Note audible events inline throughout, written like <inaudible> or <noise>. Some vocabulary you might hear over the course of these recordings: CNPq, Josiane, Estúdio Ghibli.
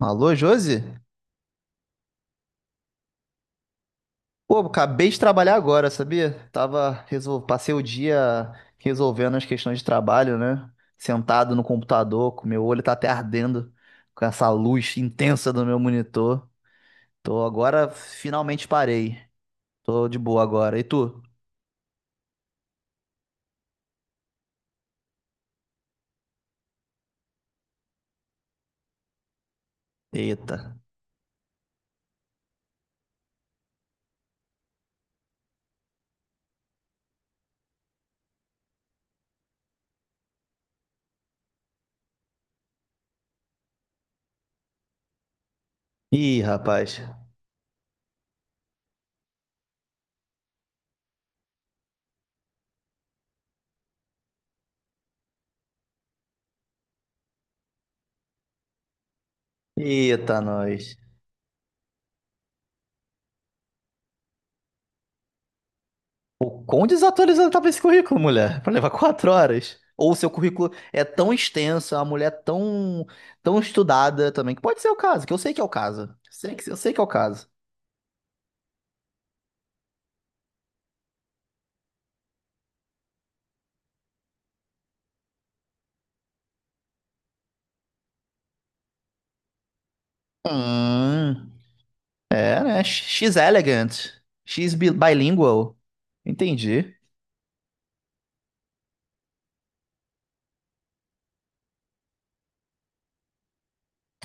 Alô, Josi? Pô, acabei de trabalhar agora, sabia? Passei o dia resolvendo as questões de trabalho, né? Sentado no computador, com meu olho tá até ardendo com essa luz intensa do meu monitor. Tô agora, finalmente parei. Tô de boa agora. E tu? Eita. Ih, rapaz. Eita, nós. O quão desatualizado tava esse currículo, mulher? Pra levar quatro horas. Ou o seu currículo é tão extenso, a uma mulher é tão estudada também, que pode ser o caso, que eu sei que é o caso. Eu sei que é o caso. Hum, é, né? She's elegant. She's bilingual. Entendi.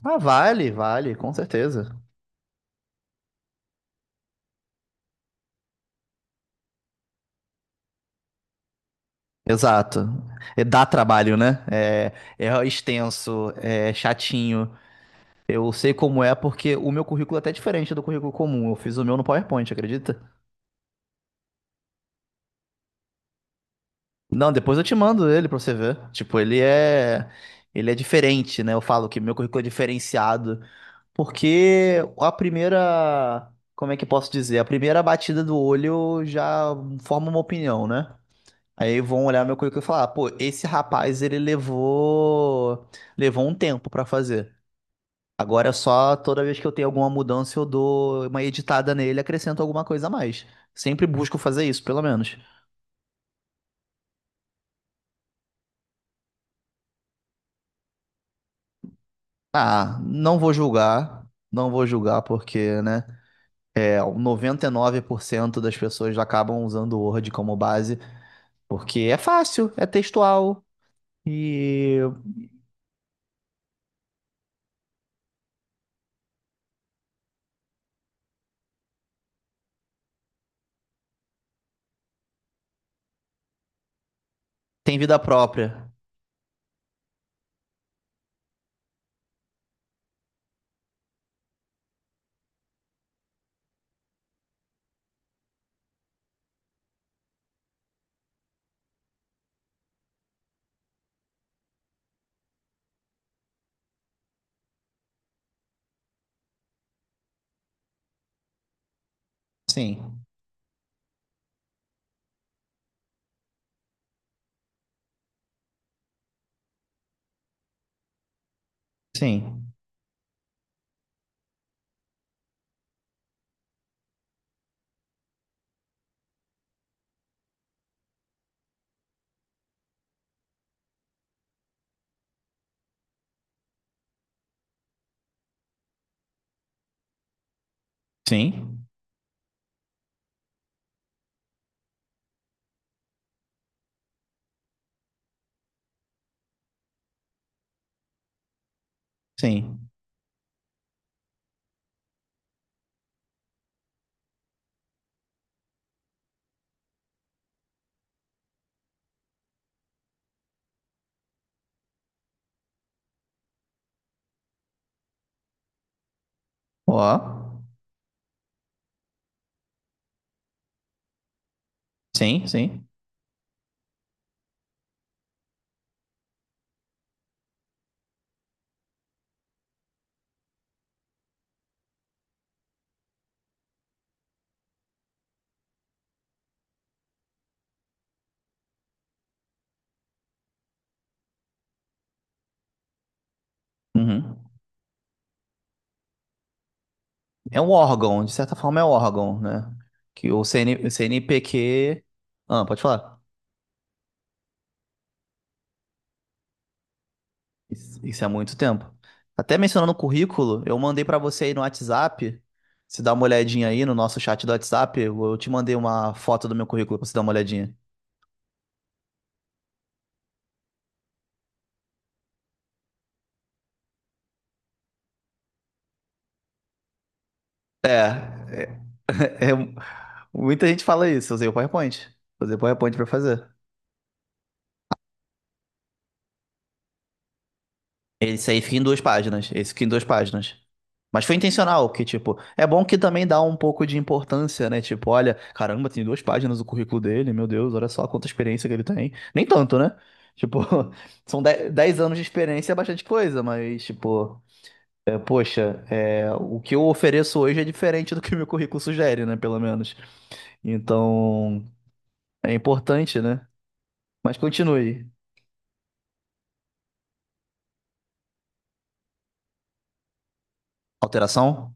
Ah, vale, vale, com certeza. Exato. É, dá trabalho, né? É extenso, é chatinho. Eu sei como é porque o meu currículo é até diferente do currículo comum. Eu fiz o meu no PowerPoint, acredita? Não, depois eu te mando ele pra você ver. Tipo, Ele é diferente, né? Eu falo que meu currículo é diferenciado. Porque a primeira. Como é que eu posso dizer? A primeira batida do olho já forma uma opinião, né? Aí vão olhar meu currículo e falar: "Ah, pô, esse rapaz, ele levou. Levou um tempo pra fazer. Agora é só toda vez que eu tenho alguma mudança, eu dou uma editada nele, acrescento alguma coisa a mais. Sempre busco fazer isso, pelo menos. Ah, não vou julgar, não vou julgar porque, né, 99% das pessoas acabam usando o Word como base porque é fácil, é textual e tem vida própria. Sim, sim, sim, sim. Ó, sim, sim. Uhum. É um órgão, de certa forma é um órgão, né? Que o CNPq. Ah, pode falar. Isso isso é muito tempo. Até mencionando o currículo, eu mandei pra você aí no WhatsApp. Se dá uma olhadinha aí no nosso chat do WhatsApp, eu te mandei uma foto do meu currículo pra você dar uma olhadinha. É, é- <laughs> é- Muita gente fala isso. Eu usei o PowerPoint. Usei o PowerPoint pra fazer. Esse aí fica em duas páginas. Esse fica em duas páginas. Mas foi intencional, que, tipo, é bom que também dá um pouco de importância, né? Tipo, olha, caramba, tem duas páginas o currículo dele, meu Deus, olha só quanta experiência que ele tem. Nem tanto, né? Tipo, <laughs> 10 anos de experiência é bastante coisa, mas, tipo, poxa, o que eu ofereço hoje é diferente do que o meu currículo sugere, né? Pelo menos. Então, é importante, né? Mas continue. Alteração?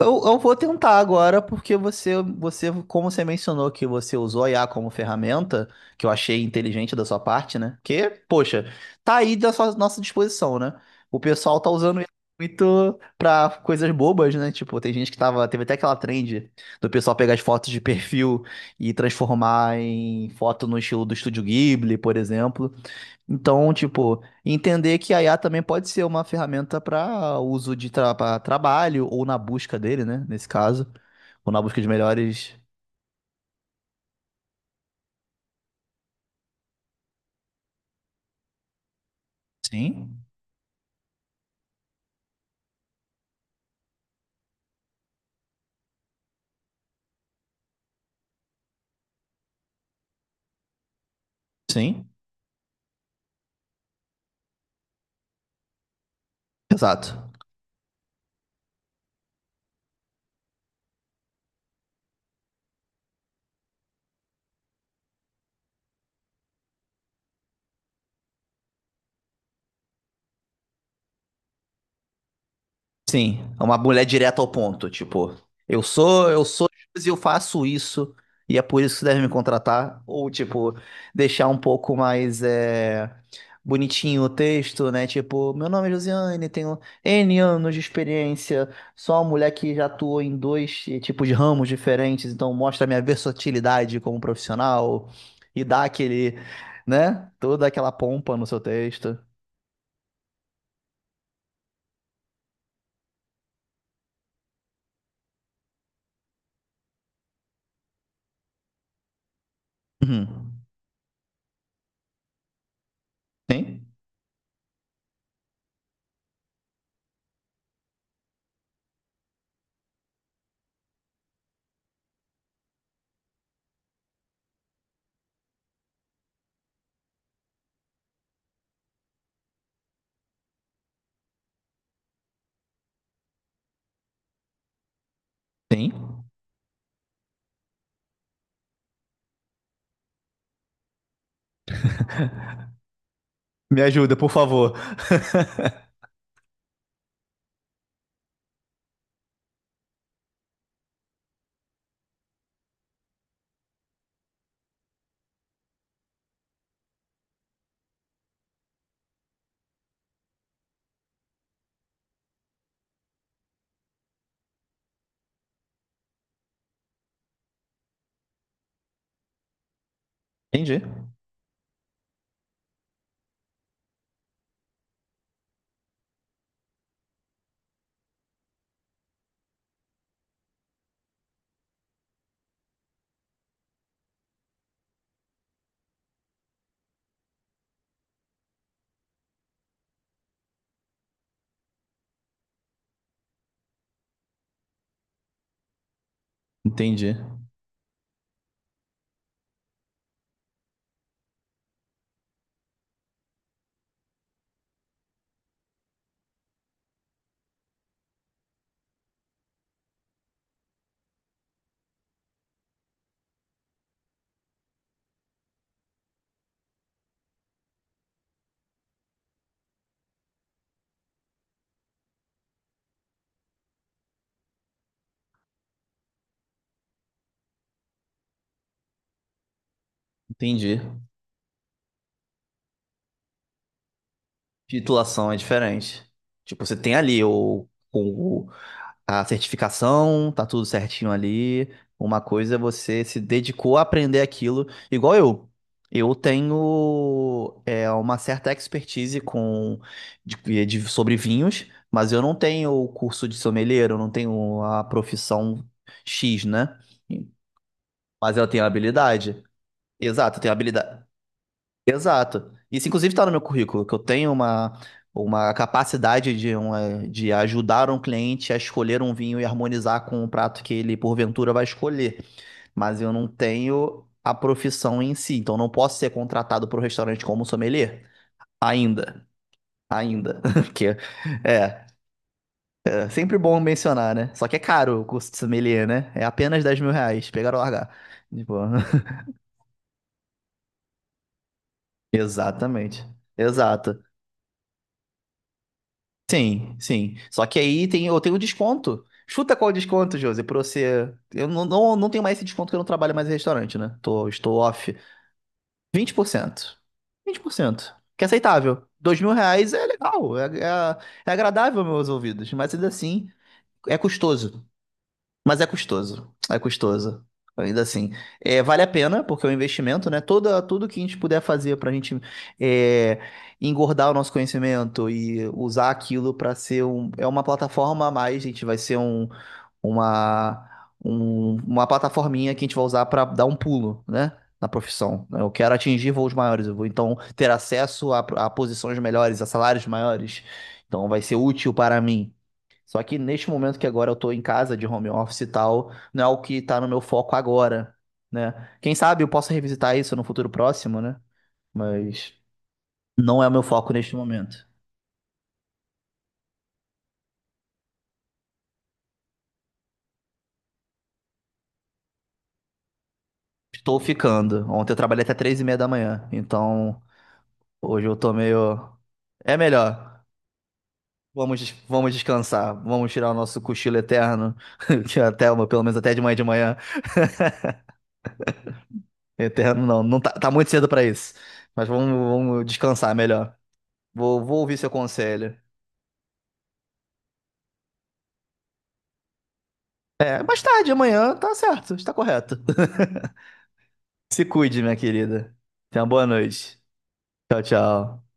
Eu vou tentar agora, porque você, como você mencionou que você usou a IA como ferramenta, que eu achei inteligente da sua parte, né? Porque, poxa, tá aí da nossa disposição, né? O pessoal tá usando isso muito pra coisas bobas, né? Tipo, tem gente que teve até aquela trend do pessoal pegar as fotos de perfil e transformar em foto no estilo do Estúdio Ghibli, por exemplo. Então, tipo, entender que a IA também pode ser uma ferramenta para uso de tra pra trabalho ou na busca dele, né? Nesse caso, ou na busca de melhores. Sim, sim, exato. Sim, é uma mulher direta ao ponto, tipo, eu sou X e eu faço isso, e é por isso que você deve me contratar, ou tipo, deixar um pouco mais bonitinho o texto, né? Tipo, meu nome é Josiane, tenho N anos de experiência, sou uma mulher que já atuou em dois tipos de ramos diferentes, então mostra a minha versatilidade como profissional e dá aquele, né? Toda aquela pompa no seu texto. Uhum. Sim, sim. Me ajuda, por favor. <laughs> Entendi. Entendi. Entendi. Titulação é diferente. Tipo, você tem ali a certificação, tá tudo certinho ali. Uma coisa é você se dedicou a aprender aquilo, igual eu. Eu tenho uma certa expertise sobre vinhos, mas eu não tenho o curso de sommelier, eu não tenho a profissão X, né? Mas eu tenho habilidade. Exato, eu tenho habilidade. Exato. Isso, inclusive, está no meu currículo, que eu tenho uma capacidade de ajudar um cliente a escolher um vinho e harmonizar com o prato que ele, porventura, vai escolher. Mas eu não tenho a profissão em si, então não posso ser contratado para o restaurante como sommelier ainda. Ainda. <laughs> Porque é, é sempre bom mencionar, né? Só que é caro o curso de sommelier, né? É apenas R$ 10.000, pegar ou largar. Tipo, <laughs> exatamente. Exato. Sim, sim. Só que eu tenho desconto. Chuta qual o desconto, Josi, pra você. Eu não tenho mais esse desconto que eu não trabalho mais em restaurante, né? Estou off. Vinte por cento, 20%. Que é aceitável. R$ 2.000 é legal, é agradável aos meus ouvidos, mas ainda assim é custoso. Mas é custoso, é custoso. Ainda assim, vale a pena, porque é um investimento, né? Tudo que a gente puder fazer para a gente é, engordar o nosso conhecimento e usar aquilo para ser uma plataforma a mais, a gente vai ser uma, uma plataforminha que a gente vai usar para dar um pulo, né? Na profissão. Eu quero atingir voos maiores, eu vou então ter acesso a posições melhores, a salários maiores. Então vai ser útil para mim. Só que neste momento que agora eu tô em casa de home office e tal, não é o que tá no meu foco agora, né? Quem sabe eu possa revisitar isso no futuro próximo, né? Mas não é o meu foco neste momento. Estou ficando. Ontem eu trabalhei até 3:30 da manhã, então hoje eu tô meio. É melhor. Vamos descansar. Vamos tirar o nosso cochilo eterno. <laughs> Que até uma, pelo menos até de manhã de manhã. Eterno não, não tá, muito cedo pra isso. Mas vamos, vamos descansar melhor. Vou ouvir seu conselho. É, mais tarde, amanhã, tá certo, está correto. <laughs> Se cuide, minha querida. Tenha uma boa noite. Tchau, tchau.